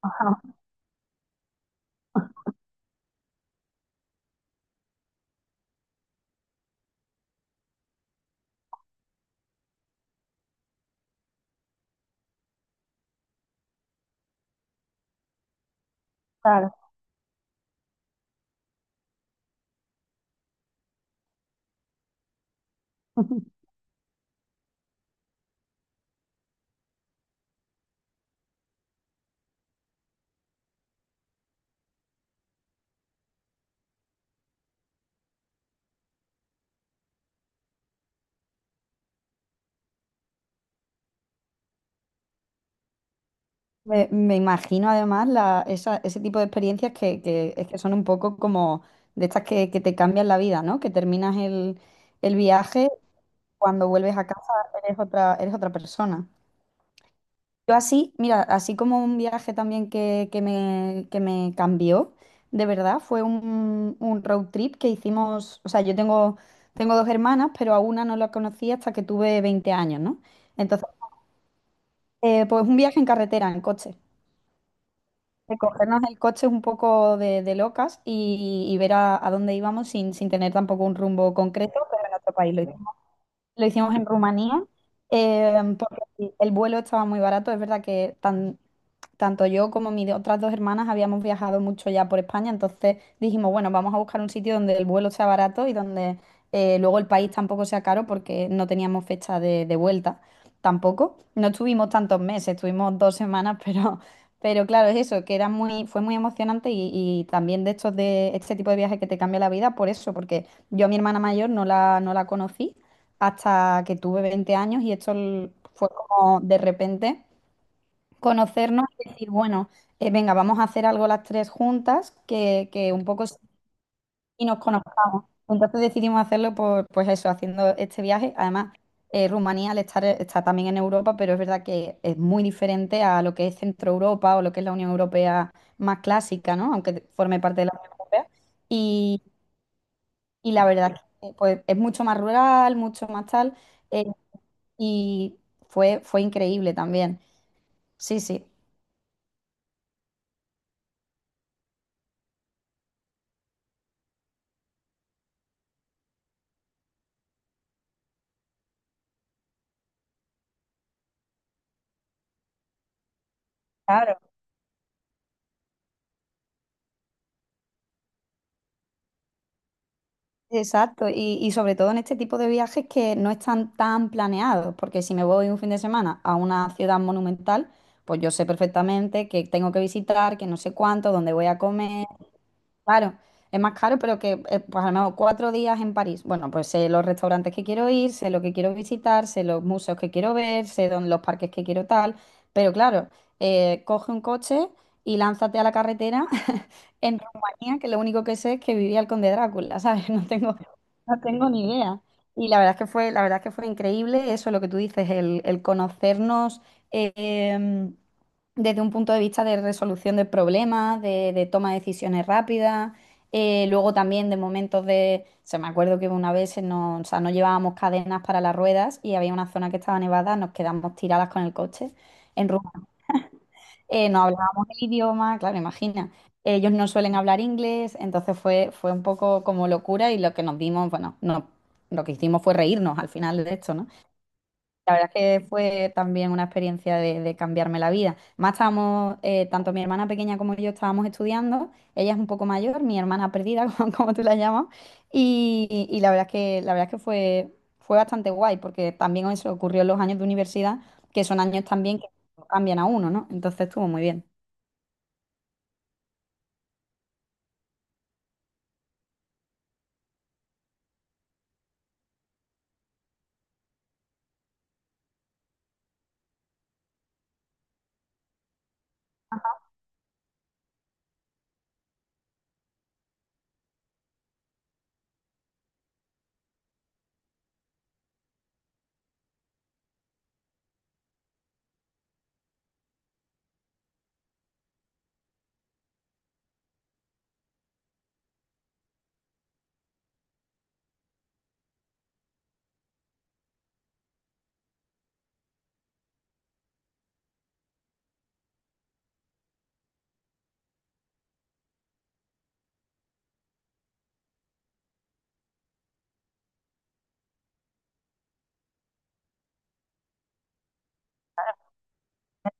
Ah, claro. Me imagino además la, ese tipo de experiencias que es que son un poco como de estas que te cambian la vida, ¿no? Que terminas el viaje, cuando vuelves a casa eres otra persona. Yo así, mira, así como un viaje también que me cambió, de verdad, fue un road trip que hicimos, o sea, yo tengo dos hermanas, pero a una no la conocí hasta que tuve 20 años, ¿no? Entonces, pues un viaje en carretera, en coche. De cogernos el coche un poco de locas y ver a dónde íbamos sin tener tampoco un rumbo concreto, pero en nuestro país. Lo hicimos en Rumanía, porque el vuelo estaba muy barato. Es verdad que tanto yo como mis otras dos hermanas habíamos viajado mucho ya por España. Entonces dijimos, bueno, vamos a buscar un sitio donde el vuelo sea barato y donde luego el país tampoco sea caro, porque no teníamos fecha de vuelta tampoco. No estuvimos tantos meses, estuvimos 2 semanas, pero claro, es eso, que fue muy emocionante y también de estos de este tipo de viajes que te cambia la vida por eso, porque yo a mi hermana mayor no la conocí hasta que tuve 20 años, y esto fue como de repente conocernos y decir, bueno, venga, vamos a hacer algo las tres juntas, que un poco y nos conozcamos. Entonces decidimos hacerlo por, pues eso, haciendo este viaje. Además, Rumanía está también en Europa, pero es verdad que es muy diferente a lo que es Centro Europa, o lo que es la Unión Europea más clásica, ¿no? Aunque forme parte de la Unión Europea. Y, y la verdad que pues es mucho más rural, mucho más tal, eh, y fue increíble también. Sí, sí. Exacto, y sobre todo en este tipo de viajes que no están tan planeados, porque si me voy un fin de semana a una ciudad monumental, pues yo sé perfectamente que tengo que visitar, que no sé cuánto, dónde voy a comer. Claro, es más caro, pero que pues a lo mejor 4 días en París. Bueno, pues sé los restaurantes que quiero ir, sé lo que quiero visitar, sé los museos que quiero ver, sé dónde, los parques que quiero tal. Pero claro, coge un coche y lánzate a la carretera. En Rumanía, que lo único que sé es que vivía el conde Drácula, ¿sabes? No tengo ni idea. Y la verdad es que fue increíble eso, lo que tú dices, el conocernos. eh, Desde un punto de vista de resolución de problemas, de toma de decisiones rápidas, luego también de momentos se me acuerdo que una vez no, o sea, no llevábamos cadenas para las ruedas, y había una zona que estaba nevada. Nos quedamos tiradas con el coche en Roma. No hablábamos el idioma, claro, imagina. Ellos no suelen hablar inglés. Entonces fue un poco como locura, y lo que nos dimos, bueno, no, lo que hicimos fue reírnos al final de esto, ¿no? La verdad es que fue también una experiencia de cambiarme la vida. Más estábamos, tanto mi hermana pequeña como yo estábamos estudiando, ella es un poco mayor, mi hermana perdida, como, como tú la llamas, y la verdad es que fue bastante guay, porque también eso ocurrió en los años de universidad, que son años también que no cambian a uno, ¿no? Entonces estuvo muy bien.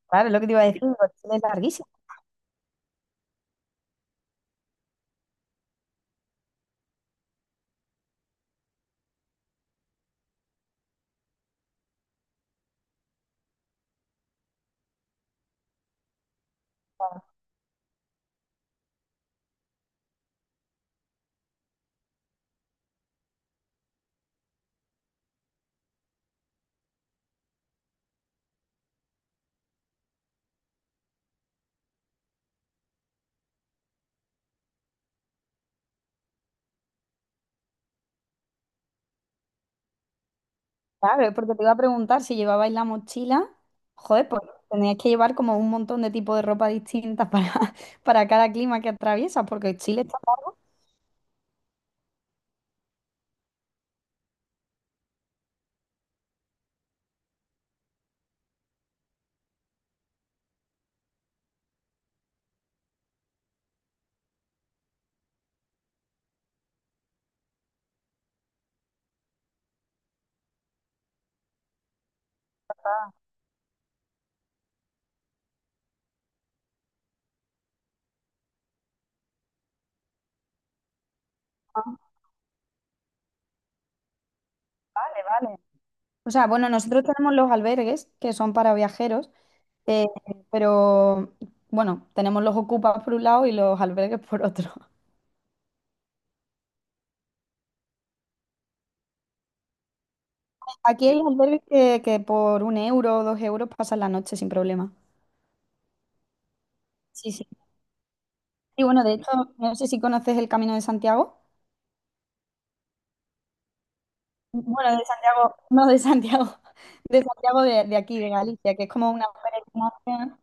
Claro, es lo que te iba a decir, Chile es larguísimo. Claro, porque te iba a preguntar si llevabais la mochila. Joder, pues teníais que llevar como un montón de tipos de ropa distintas para, para cada clima que atraviesas, porque Chile está largo. Vale, vale. O sea, bueno, nosotros tenemos los albergues, que son para viajeros, eh, pero bueno, tenemos los ocupas por un lado y los albergues por otro. Aquí hay albergues que por 1 euro o 2 euros pasas la noche sin problema. Sí, sí. Y bueno, de hecho, no sé si conoces el Camino de Santiago. Bueno, de Santiago, no de Santiago, de Santiago de aquí, de Galicia, que es como una peregrinación.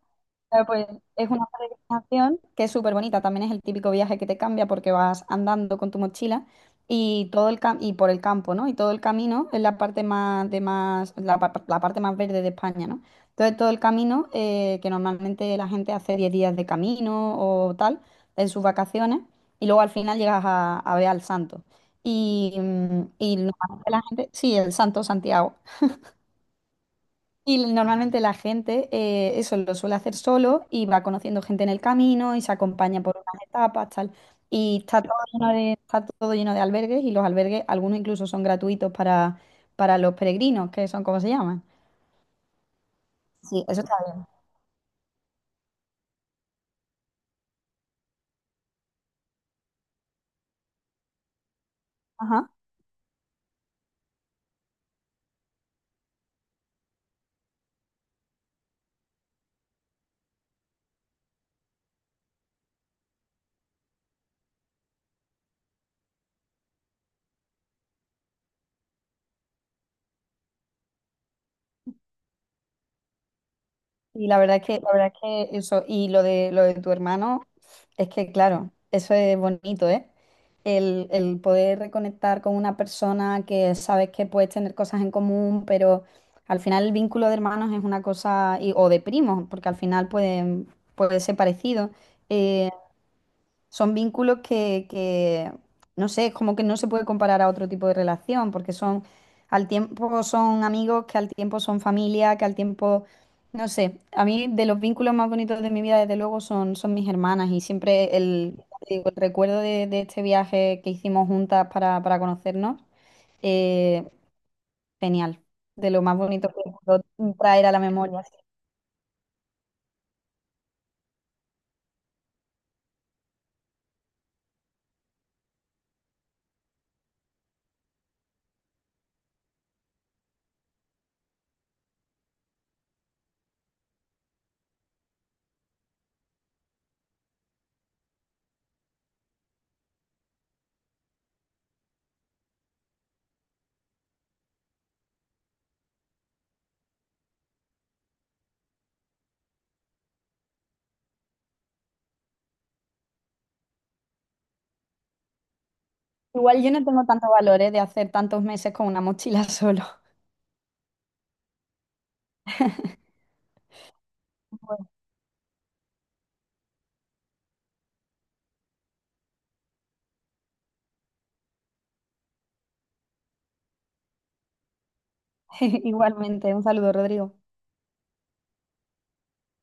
Claro, pues es una peregrinación que es súper bonita. También es el típico viaje que te cambia, porque vas andando con tu mochila y todo el y por el campo, ¿no? Y todo el camino es la parte más de más la, la parte más verde de España, ¿no? Entonces todo el camino que normalmente la gente hace 10 días de camino o tal en sus vacaciones, y luego al final llegas a ver al santo. Y normalmente la gente, sí, el santo Santiago. Y normalmente la gente eso lo suele hacer solo y va conociendo gente en el camino y se acompaña por unas etapas, tal. Y está todo lleno de albergues, y los albergues, algunos incluso son gratuitos para, los peregrinos, que son como se llaman. Sí, eso está bien. Ajá. Y la verdad que eso, y lo de tu hermano, es que claro, eso es bonito, ¿eh? El poder reconectar con una persona que sabes que puedes tener cosas en común, pero al final el vínculo de hermanos es una cosa, o de primos, porque al final puede ser parecido, eh, son vínculos que, no sé, es como que no se puede comparar a otro tipo de relación, porque son, al tiempo son amigos, que al tiempo son familia, que al tiempo, no sé, a mí de los vínculos más bonitos de mi vida, desde luego, son mis hermanas, y siempre el, te digo, el recuerdo de este viaje que hicimos juntas para, conocernos, eh, genial, de lo más bonito que puedo traer a la memoria. Igual yo no tengo tantos valores de hacer tantos meses con una mochila solo. Igualmente, un saludo, Rodrigo.